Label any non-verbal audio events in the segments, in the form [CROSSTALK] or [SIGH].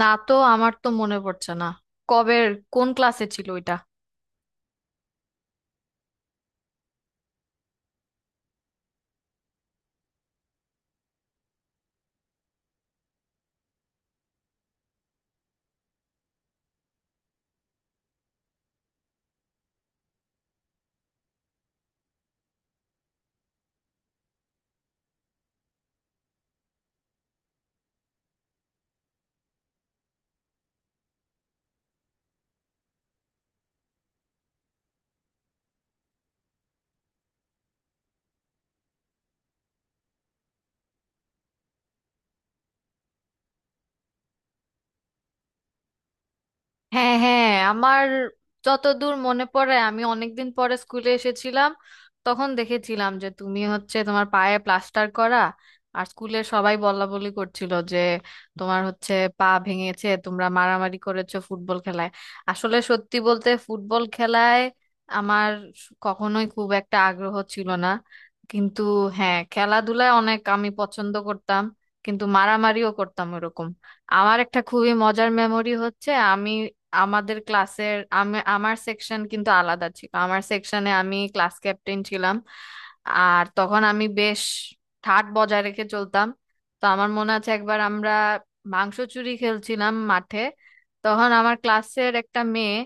না তো আমার তো মনে পড়ছে না। কবের, কোন ক্লাসে ছিল ওইটা? হ্যাঁ, হ্যাঁ, আমার যতদূর মনে পড়ে, আমি অনেকদিন পরে স্কুলে এসেছিলাম। তখন দেখেছিলাম যে তুমি হচ্ছে তোমার পায়ে প্লাস্টার করা, আর স্কুলের সবাই বলাবলি করছিল যে তোমার হচ্ছে পা ভেঙেছে, তোমরা মারামারি করেছো ফুটবল খেলায়। আসলে সত্যি বলতে ফুটবল খেলায় আমার কখনোই খুব একটা আগ্রহ ছিল না, কিন্তু হ্যাঁ খেলাধুলায় অনেক আমি পছন্দ করতাম, কিন্তু মারামারিও করতাম এরকম। আমার একটা খুবই মজার মেমোরি হচ্ছে আমি আমাদের ক্লাসের আমি আমার সেকশন কিন্তু আলাদা ছিল, আমার সেকশনে আমি ক্লাস ক্যাপ্টেন ছিলাম। আর তখন আমি বেশ ঠাট বজায় রেখে চলতাম। তো আমার মনে আছে একবার আমরা মাংস চুরি খেলছিলাম মাঠে। তখন আমার ক্লাসের একটা মেয়ে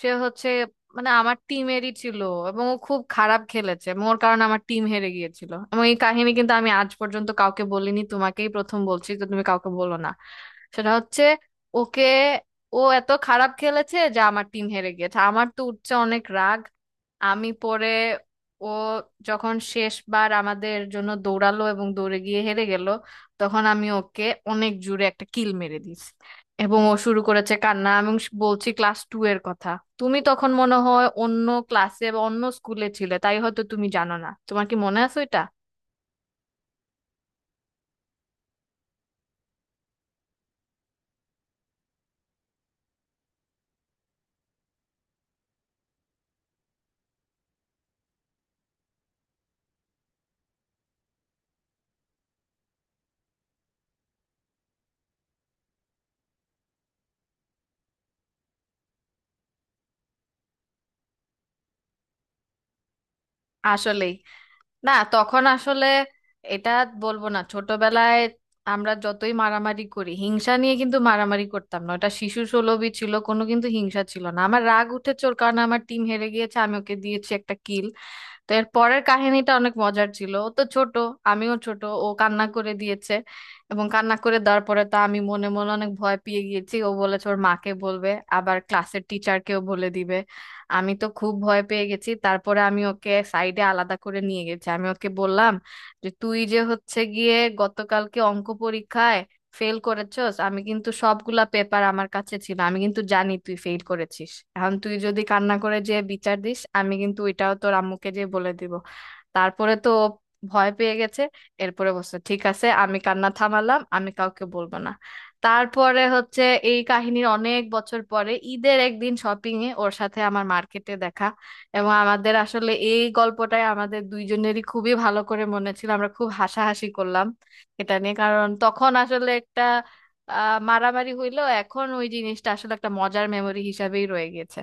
সে হচ্ছে মানে আমার টিমেরই ছিল, এবং ও খুব খারাপ খেলেছে এবং ওর কারণে আমার টিম হেরে গিয়েছিল। এবং এই কাহিনী কিন্তু আমি আজ পর্যন্ত কাউকে বলিনি, তোমাকেই প্রথম বলছি, তো তুমি কাউকে বলো না। সেটা হচ্ছে, ওকে, ও এত খারাপ খেলেছে যে আমার টিম হেরে গেছে, আমার তো উঠছে অনেক রাগ। আমি পরে, ও যখন শেষবার আমাদের জন্য দৌড়ালো এবং দৌড়ে গিয়ে হেরে গেল, তখন আমি ওকে অনেক জোরে একটা কিল মেরে দিয়েছি। এবং ও শুরু করেছে কান্না। এবং বলছি ক্লাস 2 এর কথা, তুমি তখন মনে হয় অন্য ক্লাসে বা অন্য স্কুলে ছিলে, তাই হয়তো তুমি জানো না, তোমার কি মনে আছে এটা? আসলেই না, তখন আসলে এটা, বলবো না ছোটবেলায় আমরা যতই মারামারি করি হিংসা নিয়ে কিন্তু মারামারি করতাম না, ওটা শিশু সুলভই ছিল, কোনো কিন্তু হিংসা ছিল না। আমার রাগ উঠেছে, ওর কারণে আমার টিম হেরে গিয়েছে, আমি ওকে দিয়েছি একটা কিল। তো এর পরের কাহিনীটা অনেক মজার ছিল। ও তো ছোট, আমিও ছোট, ও কান্না করে দিয়েছে এবং কান্না করে দেওয়ার পরে তো আমি মনে মনে অনেক ভয় পেয়ে গিয়েছি। ও বলেছে ওর মাকে বলবে, আবার ক্লাসের টিচারকেও বলে দিবে। আমি তো খুব ভয় পেয়ে গেছি, তারপরে আমি ওকে সাইডে আলাদা করে নিয়ে গেছি, আমি ওকে বললাম যে তুই যে হচ্ছে গিয়ে গতকালকে অঙ্ক পরীক্ষায় ফেল করেছস, আমি কিন্তু সবগুলা পেপার আমার কাছে ছিল, আমি কিন্তু জানি তুই ফেল করেছিস। এখন তুই যদি কান্না করে যে বিচার দিস, আমি কিন্তু ওইটাও তোর আম্মুকে যে বলে দিব। তারপরে তো ও ভয় পেয়ে গেছে, এরপরে বলছে ঠিক আছে, আমি কান্না থামালাম, আমি কাউকে বলবো না। তারপরে হচ্ছে এই কাহিনীর অনেক বছর পরে ঈদের একদিন শপিং এ ওর সাথে আমার মার্কেটে দেখা, এবং আমাদের আসলে এই গল্পটাই আমাদের দুইজনেরই খুবই ভালো করে মনে ছিল, আমরা খুব হাসাহাসি করলাম এটা নিয়ে। কারণ তখন আসলে একটা মারামারি হইলো, এখন ওই জিনিসটা আসলে একটা মজার মেমরি হিসাবেই রয়ে গেছে।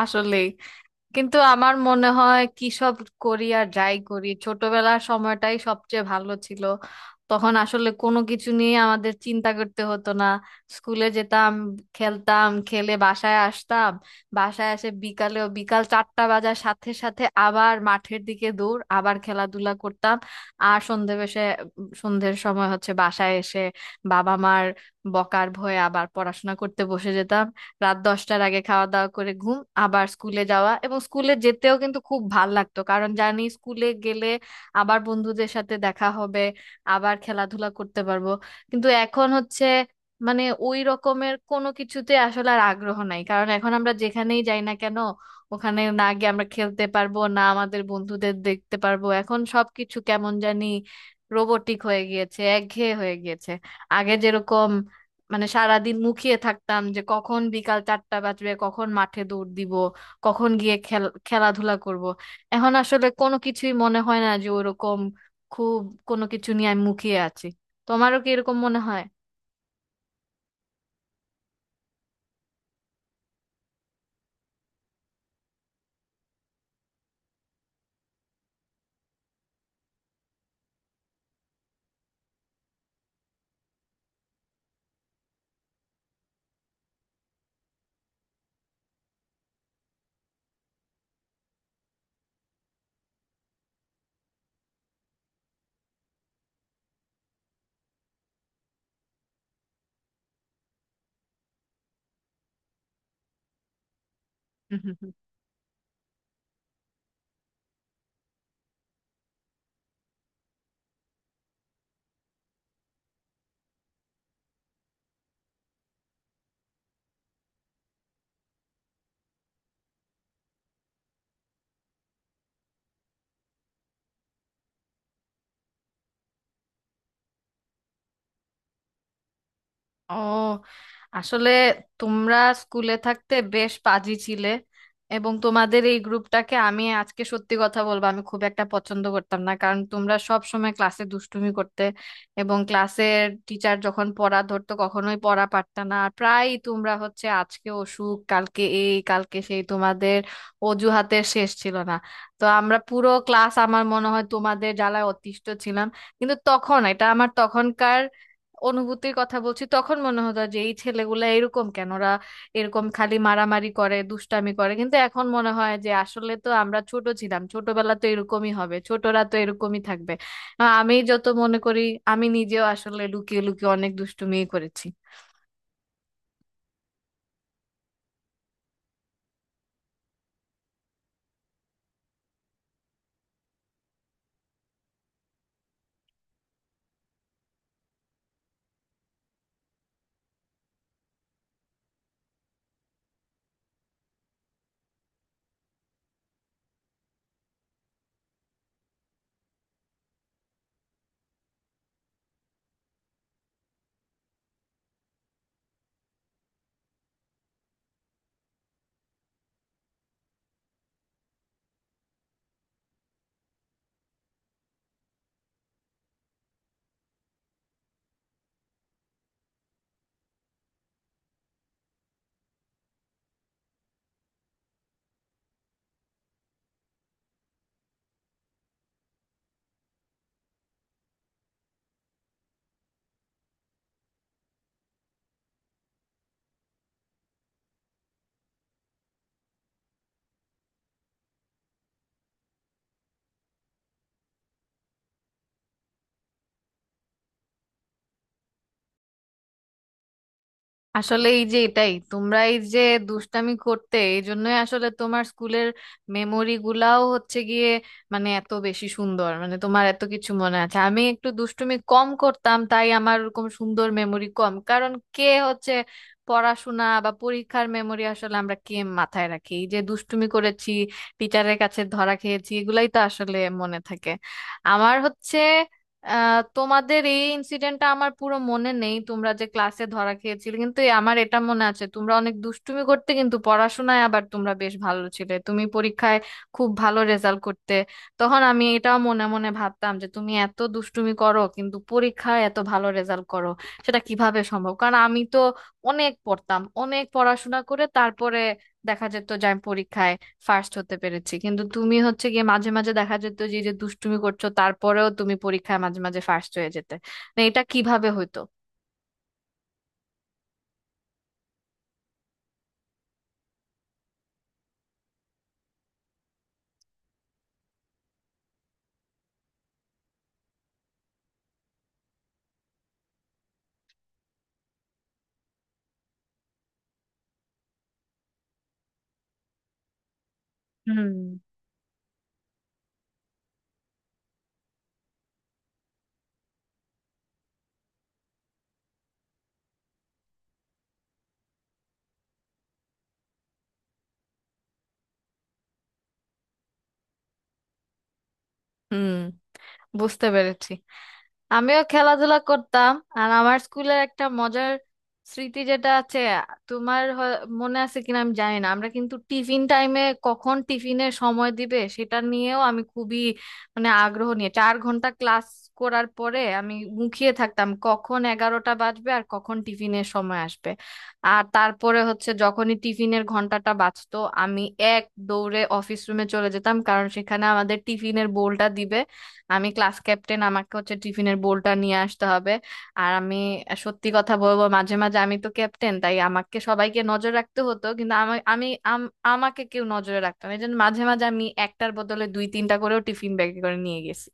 আসলে কিন্তু আমার মনে হয় কি সব করি আর যাই করি, ছোটবেলার সময়টাই সবচেয়ে ভালো ছিল। তখন আসলে কোনো কিছু নিয়ে আমাদের চিন্তা করতে হতো না, স্কুলে যেতাম, খেলতাম, খেলে বাসায় আসতাম, বাসায় এসে বিকালেও বিকাল 4টা বাজার সাথে সাথে আবার মাঠের দিকে দৌড়, আবার খেলাধুলা করতাম। আর সন্ধে বেশে সন্ধ্যের সময় হচ্ছে বাসায় এসে বাবা মার বকার ভয়ে আবার পড়াশোনা করতে বসে যেতাম। রাত 10টার আগে খাওয়া দাওয়া করে ঘুম, আবার স্কুলে যাওয়া, এবং স্কুলে যেতেও কিন্তু খুব ভাল লাগতো কারণ জানি স্কুলে গেলে আবার বন্ধুদের সাথে দেখা হবে, আবার খেলাধুলা করতে পারবো। কিন্তু এখন হচ্ছে মানে ওই রকমের কোনো কিছুতে আসলে আর আগ্রহ নাই, কারণ এখন আমরা যেখানেই যাই না কেন, ওখানে না গিয়ে আমরা খেলতে পারবো না, আমাদের বন্ধুদের দেখতে পারবো। এখন সবকিছু কেমন জানি রোবটিক হয়ে গিয়েছে, একঘেয়ে হয়ে গিয়েছে। আগে যেরকম মানে সারাদিন মুখিয়ে থাকতাম যে কখন বিকাল 4টা বাজবে, কখন মাঠে দৌড় দিব, কখন গিয়ে খেল খেলাধুলা করব। এখন আসলে কোনো কিছুই মনে হয় না যে ওরকম খুব কোনো কিছু নিয়ে আমি মুখিয়ে আছি। তোমারও কি এরকম মনে হয়? [LAUGHS] ও, আসলে তোমরা স্কুলে থাকতে বেশ পাজি ছিলে, এবং তোমাদের এই গ্রুপটাকে আমি আজকে সত্যি কথা বলবো আমি খুব একটা পছন্দ করতাম না, কারণ তোমরা সব সময় ক্লাসে দুষ্টুমি করতে এবং ক্লাসের টিচার যখন পড়া ধরতো কখনোই পড়া পারতা না, আর প্রায় তোমরা হচ্ছে আজকে অসুখ, কালকে এই, কালকে সেই, তোমাদের অজুহাতের শেষ ছিল না। তো আমরা পুরো ক্লাস আমার মনে হয় তোমাদের জ্বালায় অতিষ্ঠ ছিলাম। কিন্তু তখন এটা আমার তখনকার অনুভূতির কথা বলছি, তখন মনে হতো যে এই ছেলেগুলা এরকম কেন, ওরা এরকম খালি মারামারি করে দুষ্টামি করে। কিন্তু এখন মনে হয় যে আসলে তো আমরা ছোট ছিলাম, ছোটবেলা তো এরকমই হবে, ছোটরা তো এরকমই থাকবে। আমি যত মনে করি আমি নিজেও আসলে লুকিয়ে লুকিয়ে অনেক দুষ্টুমি করেছি। আসলে এই যে এটাই তোমরা এই যে দুষ্টামি করতে এই জন্যই আসলে তোমার স্কুলের মেমোরি গুলাও হচ্ছে গিয়ে মানে এত বেশি সুন্দর, মানে তোমার এত কিছু মনে আছে। আমি একটু দুষ্টুমি কম করতাম, তাই আমার ওরকম সুন্দর মেমোরি কম, কারণ কে হচ্ছে পড়াশোনা বা পরীক্ষার মেমোরি আসলে আমরা কে মাথায় রাখি? এই যে দুষ্টুমি করেছি, টিচারের কাছে ধরা খেয়েছি, এগুলাই তো আসলে মনে থাকে। আমার হচ্ছে তোমাদের এই ইনসিডেন্টটা আমার পুরো মনে নেই, তোমরা যে ক্লাসে ধরা খেয়েছিলে। কিন্তু আমার এটা মনে আছে তোমরা অনেক দুষ্টুমি করতে, কিন্তু পড়াশোনায় আবার তোমরা বেশ ভালো ছিলে। তুমি পরীক্ষায় খুব ভালো রেজাল্ট করতে। তখন আমি এটাও মনে মনে ভাবতাম যে তুমি এত দুষ্টুমি করো কিন্তু পরীক্ষায় এত ভালো রেজাল্ট করো সেটা কিভাবে সম্ভব? কারণ আমি তো অনেক পড়তাম, অনেক পড়াশোনা করে তারপরে দেখা যেত যে আমি পরীক্ষায় ফার্স্ট হতে পেরেছি, কিন্তু তুমি হচ্ছে গিয়ে মাঝে মাঝে দেখা যেত যে এই যে দুষ্টুমি করছো তারপরেও তুমি পরীক্ষায় মাঝে মাঝে ফার্স্ট হয়ে যেতে। না, এটা কিভাবে হইতো? হুম, হুম, বুঝতে পেরেছি। আমিও খেলাধুলা করতাম, আর আমার স্কুলের একটা মজার স্মৃতি যেটা আছে, তোমার মনে আছে কিনা আমি জানি না, আমরা কিন্তু টিফিন টাইমে কখন টিফিনের সময় দিবে সেটা নিয়েও আমি খুবই মানে আগ্রহ নিয়ে 4 ঘন্টা ক্লাস করার পরে আমি মুখিয়ে থাকতাম কখন 11টা বাজবে আর কখন টিফিনের সময় আসবে। আর তারপরে হচ্ছে যখনই টিফিনের ঘন্টাটা বাজতো, আমি এক দৌড়ে অফিস রুমে চলে যেতাম, কারণ সেখানে আমাদের টিফিনের বোলটা দিবে, আমি ক্লাস ক্যাপ্টেন, আমাকে হচ্ছে টিফিনের বোলটা নিয়ে আসতে হবে। আর আমি সত্যি কথা বলবো মাঝে মাঝে আমি তো ক্যাপ্টেন, তাই আমাকে সবাইকে নজর রাখতে হতো, কিন্তু আমি আমি আম- আমাকে কেউ নজরে রাখতো না, এই জন্য মাঝে মাঝে আমি একটার বদলে 2-3টা করেও টিফিন ব্যাগে করে নিয়ে গেছি।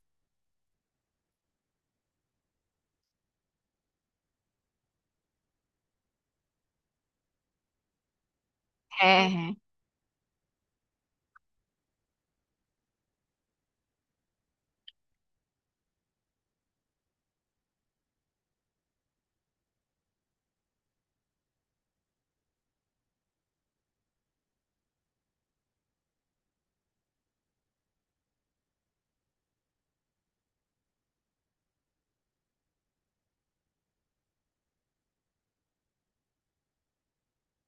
হ্যাঁ, হ্যাঁ